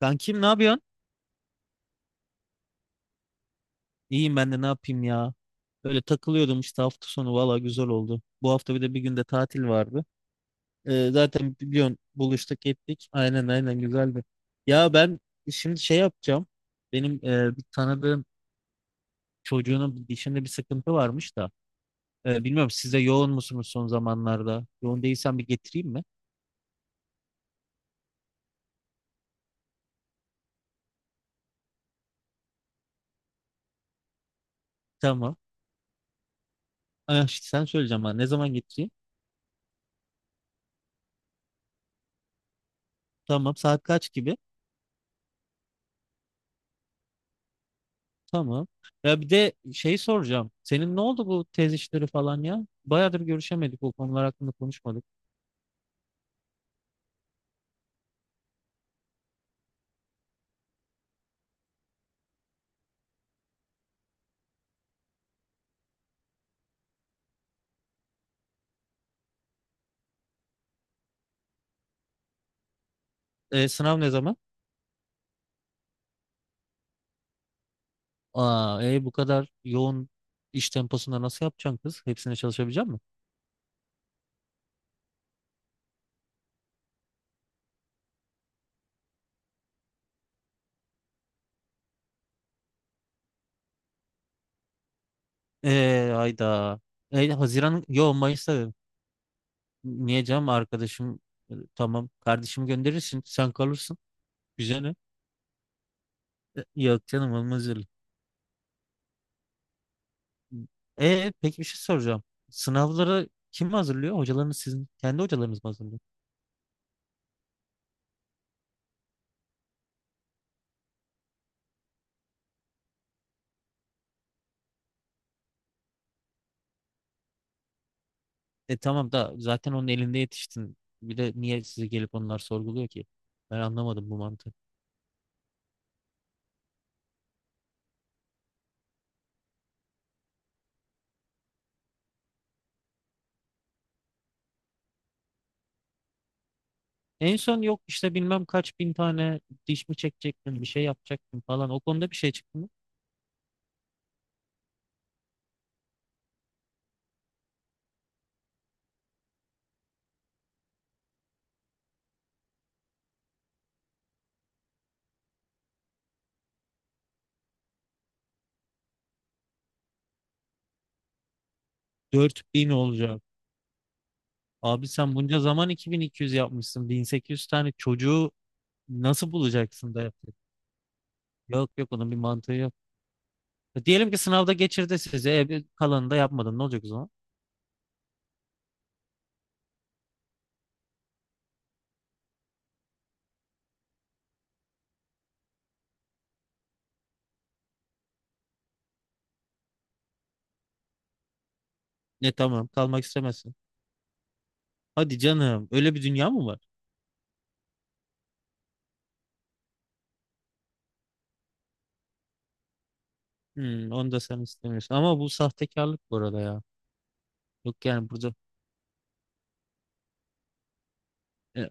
Ben kim ne yapıyorsun? İyiyim ben de ne yapayım ya. Böyle takılıyordum işte hafta sonu valla güzel oldu. Bu hafta bir de bir günde tatil vardı. Zaten biliyorsun buluştuk ettik. Aynen aynen güzeldi. Ya ben şimdi şey yapacağım. Benim bir tanıdığım çocuğunun bir dişinde bir sıkıntı varmış da. Bilmiyorum siz de yoğun musunuz son zamanlarda? Yoğun değilsen bir getireyim mi? Tamam. Ah, işte sen söyleyeceğim bana ne zaman getireyim? Tamam saat kaç gibi? Tamam. Ya bir de şey soracağım. Senin ne oldu bu tez işleri falan ya? Bayağıdır görüşemedik. Bu konular hakkında konuşmadık. Sınav ne zaman? Aa, bu kadar yoğun iş temposunda nasıl yapacaksın kız? Hepsine çalışabilecek misin? Hayda. Haziran, yo Mayıs'ta dedim. Niye canım arkadaşım? Tamam kardeşim gönderirsin. Sen kalırsın. Bize ne? Yok canım olmaz öyle. Peki bir şey soracağım. Sınavları kim hazırlıyor? Hocalarınız sizin kendi hocalarınız mı hazırlıyor? E tamam da zaten onun elinde yetiştin. Bir de niye size gelip onlar sorguluyor ki? Ben anlamadım bu mantığı. En son yok işte bilmem kaç bin tane diş mi çekecektin, bir şey yapacaktın falan. O konuda bir şey çıktı mı? 4000 olacak. Abi sen bunca zaman iki bin iki yüz yapmışsın. Bin sekiz yüz tane çocuğu nasıl bulacaksın da yaptın? Yok onun bir mantığı yok. E diyelim ki sınavda geçirdi sizi. Bir kalanını da yapmadın. Ne olacak o zaman? Ne tamam kalmak istemezsin. Hadi canım öyle bir dünya mı var? Hmm, onu da sen istemiyorsun. Ama bu sahtekarlık bu arada ya. Yok yani burada e,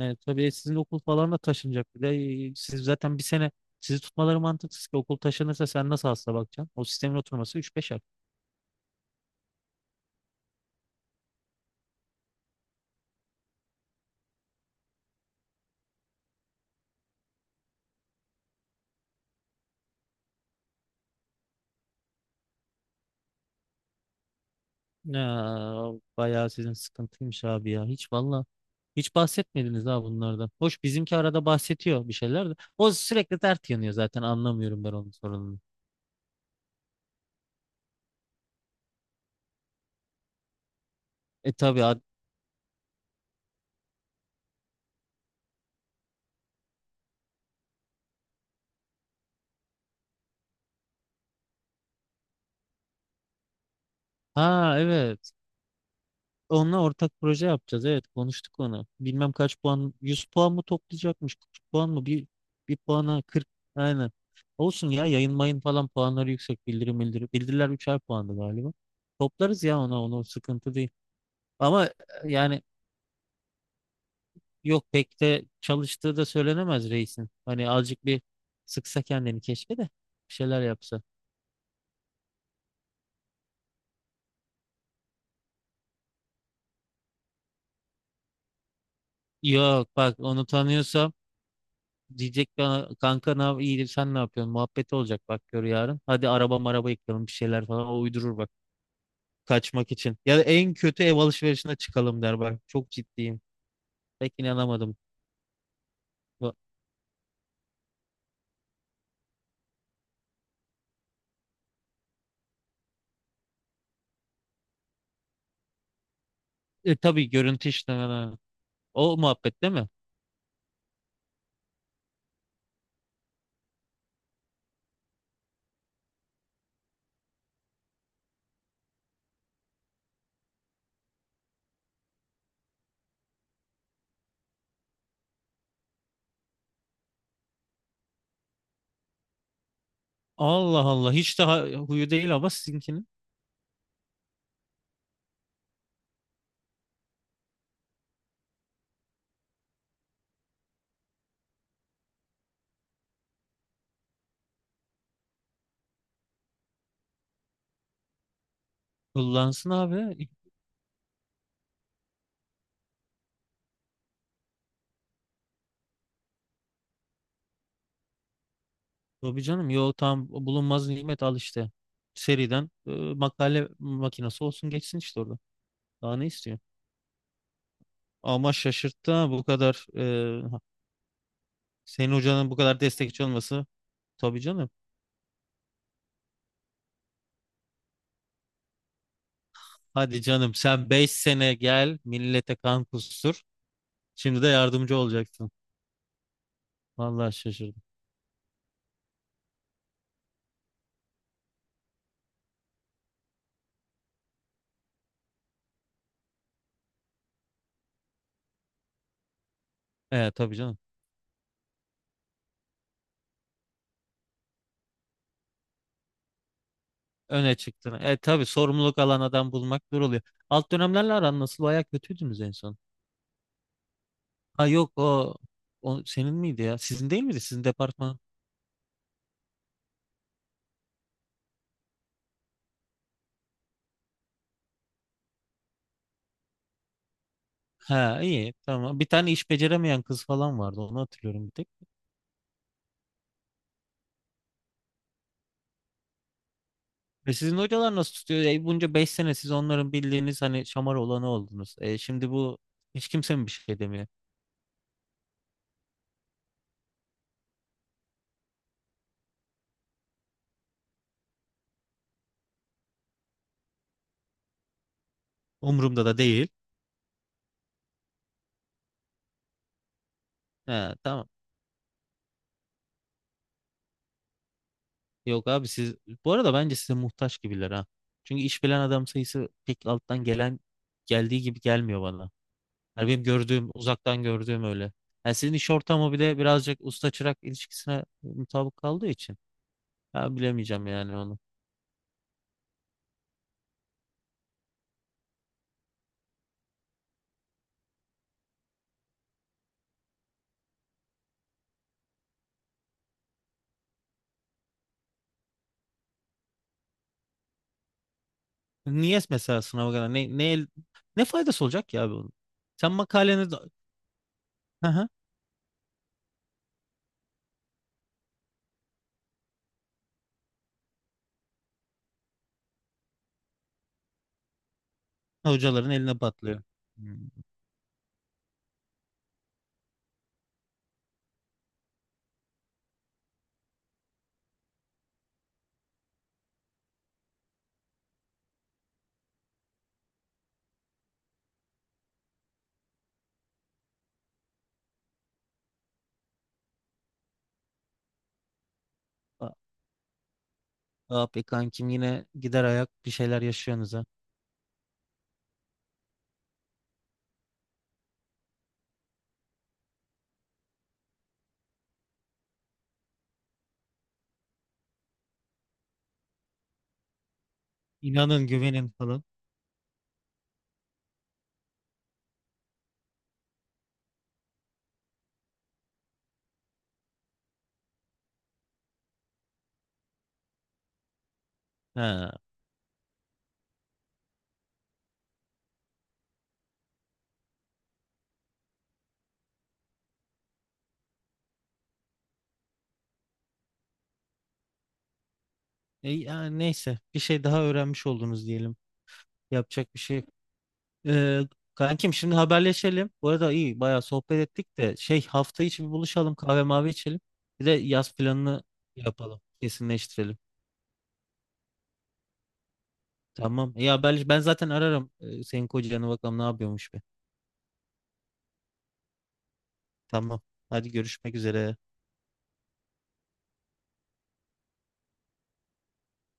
tabii sizin okul falan da taşınacak. Bir de siz zaten bir sene sizi tutmaları mantıksız ki okul taşınırsa sen nasıl hasta bakacaksın? O sistemin oturması üç beş ay. Ya, bayağı sizin sıkıntıymış abi ya. Hiç valla hiç bahsetmediniz ha bunlardan. Hoş bizimki arada bahsediyor bir şeyler de. O sürekli dert yanıyor zaten anlamıyorum ben onun sorununu. E tabii ad- ha evet. Onunla ortak proje yapacağız. Evet konuştuk onu. Bilmem kaç puan 100 puan mı toplayacakmış 40 puan mı bir, bir puana 40, aynen. Olsun ya yayın mayın falan puanları yüksek bildirim. Bildiriler 3'er puandı galiba. Toplarız ya ona onu sıkıntı değil. Ama yani yok pek de çalıştığı da söylenemez reisin. Hani azıcık bir sıksa kendini keşke de bir şeyler yapsa. Yok bak onu tanıyorsam diyecek bana kanka ne iyidir sen ne yapıyorsun? Muhabbeti olacak bak gör yarın. Hadi araba maraba yıkalım bir şeyler falan o uydurur bak kaçmak için. Ya da en kötü ev alışverişine çıkalım der bak çok ciddiyim. Pek inanamadım. Bu- tabii görüntü işte o muhabbet değil mi? Allah Allah hiç daha huyu değil ama sizinkinin. Kullansın abi. Tabii canım yo tam bulunmaz nimet al işte. Seriden makale makinesi olsun geçsin işte orada. Daha ne istiyor? Ama şaşırttı ha bu kadar senin hocanın bu kadar destekçi olması tabii canım. Hadi canım sen 5 sene gel millete kan kustur. Şimdi de yardımcı olacaksın. Vallahi şaşırdım. E tabii canım. Öne çıktın. E tabii sorumluluk alan adam bulmak zor oluyor. Alt dönemlerle aran nasıl? Bayağı kötüydünüz en son. Ha yok o, o senin miydi ya? Sizin değil miydi? Sizin departman. Ha iyi tamam. Bir tane iş beceremeyen kız falan vardı. Onu hatırlıyorum bir tek. E sizin hocalar nasıl tutuyor? E bunca 5 sene siz onların bildiğiniz hani şamar olanı oldunuz. E şimdi bu hiç kimse mi bir şey demiyor? Umurumda da değil. He, tamam. Yok abi siz bu arada bence size muhtaç gibiler ha. Çünkü iş bilen adam sayısı pek alttan gelen geldiği gibi gelmiyor bana. Yani benim gördüğüm uzaktan gördüğüm öyle. Yani sizin iş ortamı bir de birazcık usta çırak ilişkisine mutabık kaldığı için. Ya bilemeyeceğim yani onu. Niye mesela sınava kadar ne faydası olacak ya abi onun? Sen makaleni hocaların eline patlıyor. Hmm. A- Abi kankim yine gider ayak bir şeyler yaşıyorsunuz ha. İnanın güvenin falan. Ha. Ya neyse bir şey daha öğrenmiş oldunuz diyelim. Yapacak bir şey yok. Ee, Kankim şimdi haberleşelim. Bu arada iyi bayağı sohbet ettik de şey hafta içi bir buluşalım kahve mavi içelim. Bir de yaz planını yapalım. Kesinleştirelim. Tamam. İyi haberleş. Ben zaten ararım. Senin kocanı bakalım ne yapıyormuş be. Tamam. Hadi görüşmek üzere.